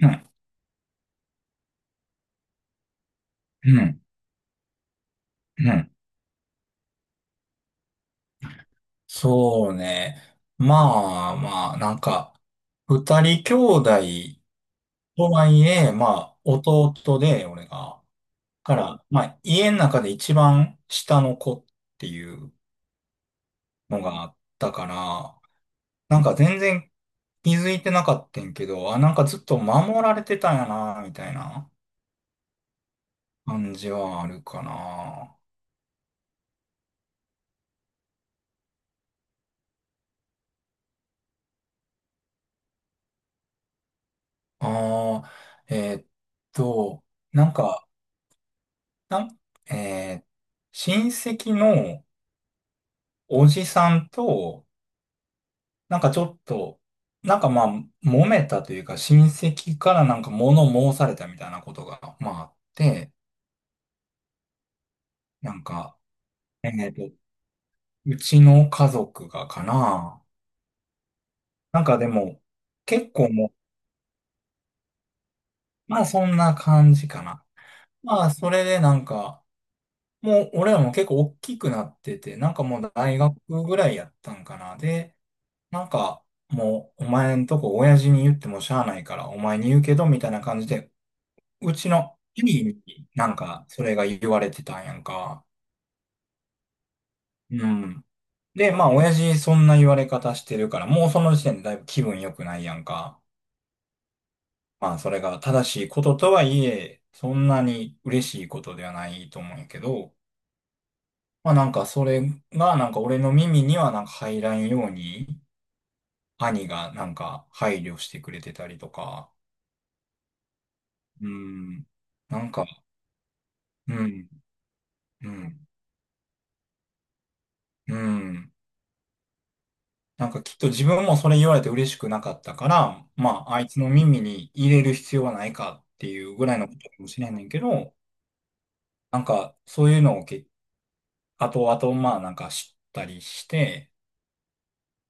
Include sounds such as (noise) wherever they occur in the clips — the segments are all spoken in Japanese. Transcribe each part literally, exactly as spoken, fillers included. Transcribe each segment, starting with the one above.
うん、うん、うん。そうね。まあまあ、なんか、二人兄弟とはいえ、まあ、弟で、俺が。から、まあ、家の中で一番下の子っていうのがあったから、なんか全然気づいてなかったんけど、あ、なんかずっと守られてたんやな、みたいな感じはあるかな。ああ、えーっと、なんか、なん、えー親戚のおじさんと、なんかちょっと、なんかまあ、揉めたというか、親戚からなんか物申されたみたいなことが、まああって、なんか、えーと、うちの家族がかな。なんかでも、結構もう、まあそんな感じかな。まあ、それでなんか、もう、俺らも結構大きくなってて、なんかもう大学ぐらいやったんかな。で、なんか、もう、お前んとこ親父に言ってもしゃあないから、お前に言うけど、みたいな感じで、うちの兄になんか、それが言われてたんやんか。うん。で、まあ、親父そんな言われ方してるから、もうその時点でだいぶ気分良くないやんか。まあ、それが正しいこととはいえ、そんなに嬉しいことではないと思うんやけど、まあなんかそれがなんか俺の耳にはなんか入らんように兄がなんか配慮してくれてたりとか、うん、なんか、うん、うん、うん。なんかきっと自分もそれ言われて嬉しくなかったから、まああいつの耳に入れる必要はないかっていうぐらいのことかもしれないんだけど、なんかそういうのをけ、後々まあなんか知ったりして、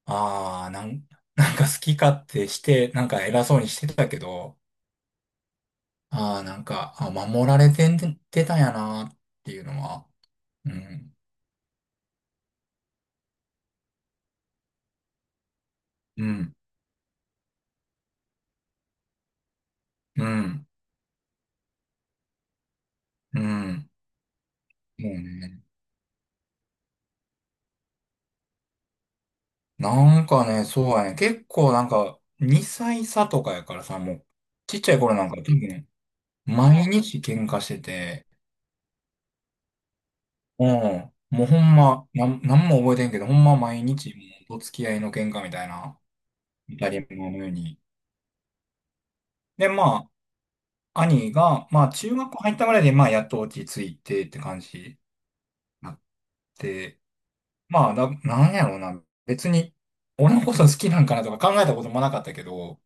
ああ、なん、(laughs) なんか好き勝手して、なんか偉そうにしてたけど、ああ、なんか、あ、守られてんてたんやなっていうのは、うん、うん、うん、うん、もうね、なんかね、そうやね、結構なんか、にさい差とかやからさ、もう、ちっちゃい頃なんか多分、毎日喧嘩してて、うん、もうほんま、なん、なんも覚えてんけど、ほんま毎日、もう、お付き合いの喧嘩みたいな、当たり前のように。で、まあ、兄が、まあ、中学校入ったぐらいで、まあ、やっと落ち着いてって感じになって、まあ、な、なんやろうな。別に、俺のこと好きなんかなとか考えたこともなかったけど、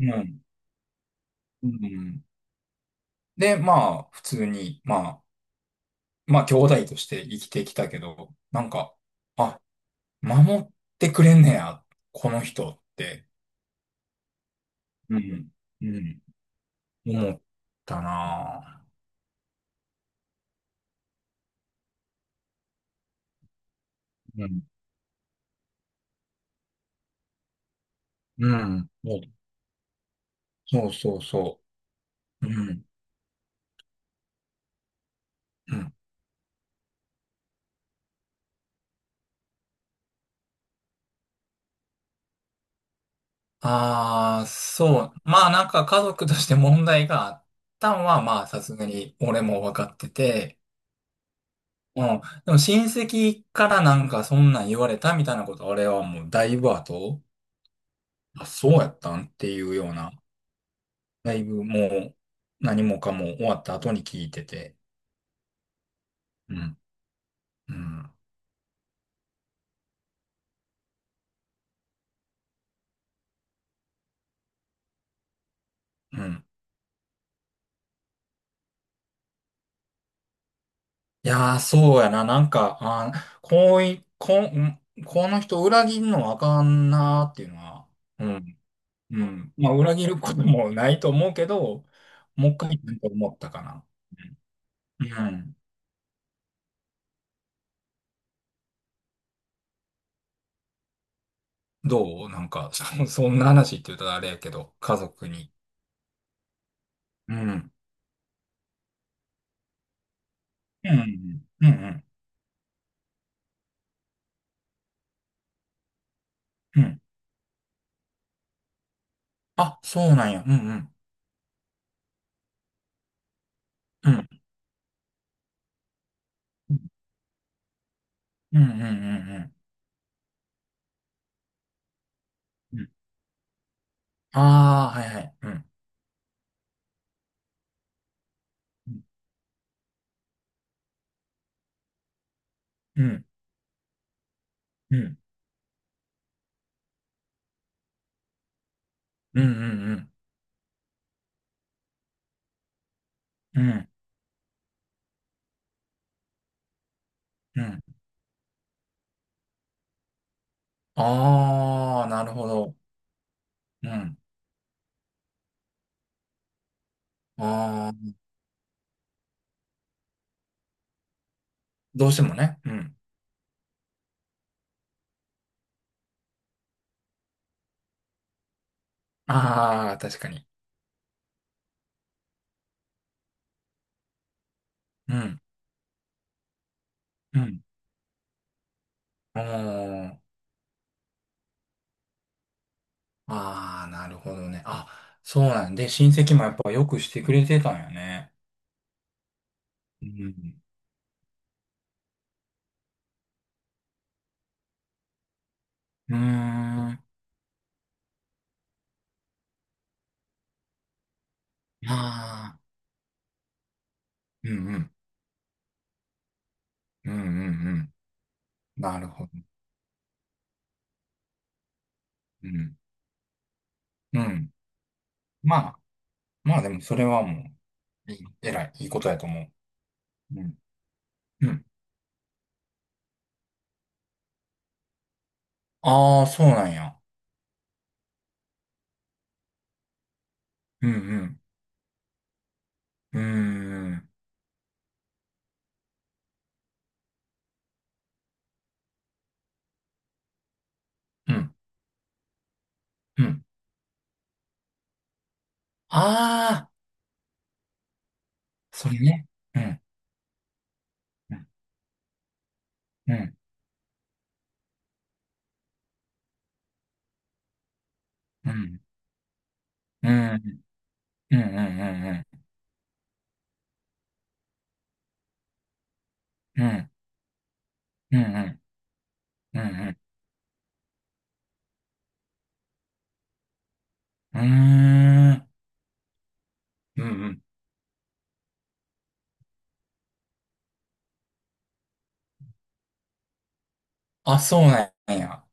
うん。うん。で、まあ、普通に、まあ、まあ、兄弟として生きてきたけど、なんか、あ、守ってくれんねや、この人って、うん。うん。思ったなぁ。うん。うん。そうそうそう。そううん。うんああ、そう。まあなんか家族として問題があったんは、まあさすがに俺も分かってて、うん。でも親戚からなんかそんなん言われたみたいなこと、俺はもうだいぶ後、あ、そうやったんっていうような、だいぶもう何もかも終わった後に聞いてて。うん。うん。うん。いやー、そうやな。なんか、あー、こうい、こん、この人裏切んのあかんなーっていうのは、うんうん。まあ、裏切ることもないと思うけど、もう一回なんか思ったかな。うん。うんどうなんか、そ、そんな話って言うとあれやけど、家族に。うん。うんうん。うんうん。うん。あ、そうなんや。うんうん。うん。うんうんうんうんうん。ああー、はいはい。うん。うん。うん。うんうんうん。うん。うん。ああ、なるほど。うん。ああ、どうしてもね。うん。ああ、確かに。うん。うん。ああ。ああ、なるほどね。あ、そうなんで、親戚もやっぱよくしてくれてたんよね。うん。うーん。ああ、うんうん。うんうんうん。なるほど。うん。うん。まあ、まあでもそれはもう、いい、えらい、いいことやと思う。うん。うん。ああ、そうなんや。うんうん。うーん。うん。うん。ああ、それね。うん。うん。うん。うん。うん。うん。うん。うん。うん。うん。うん。うん。うん。うんうーん。うんうん。あ、そうなんや。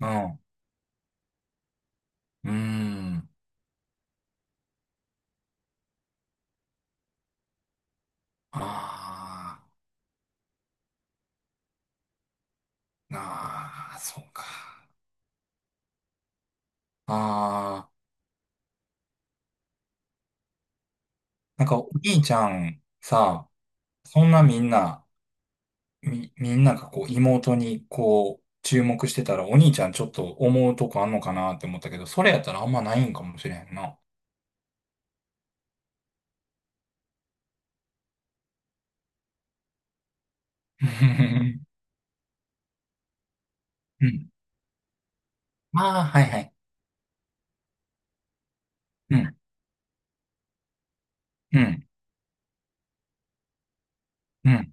うん。うーん。あーあー、そうか。ああ、なんかお兄ちゃんさ、そんなみんな、み、みんながこう妹にこう注目してたらお兄ちゃんちょっと思うとこあんのかなって思ったけど、それやったらあんまないんかもしれへんな。うん (laughs) うん。ああ、はいはい。うん。うん。うん。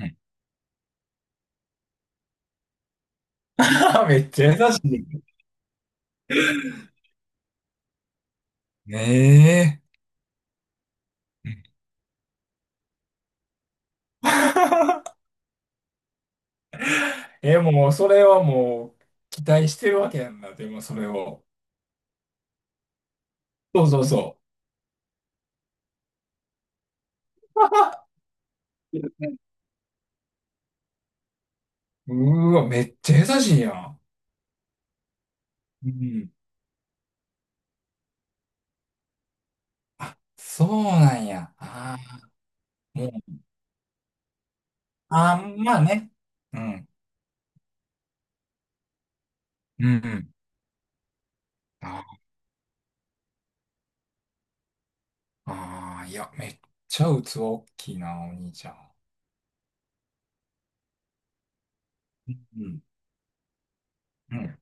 うん (laughs) めっちゃ優しい。ねえ。(laughs) うんえ、もう、それはもう、期待してるわけやんな、でも、それを。そうそうそう。うーわ、めっちゃ優しいやん。うん。あ、そうなんや。あーもう、あー、まあね。うん。うんうん。ああー、いや、めっちゃ器大きいな、お兄ちゃん。うん。うん。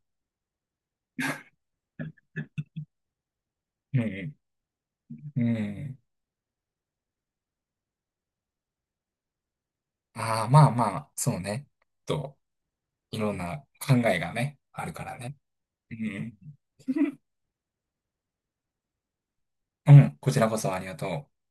うん。うん。うんああ、まあまあ、そうね。と、いろんな考えがね、あるからね。うん。うん。こちらこそありがとう。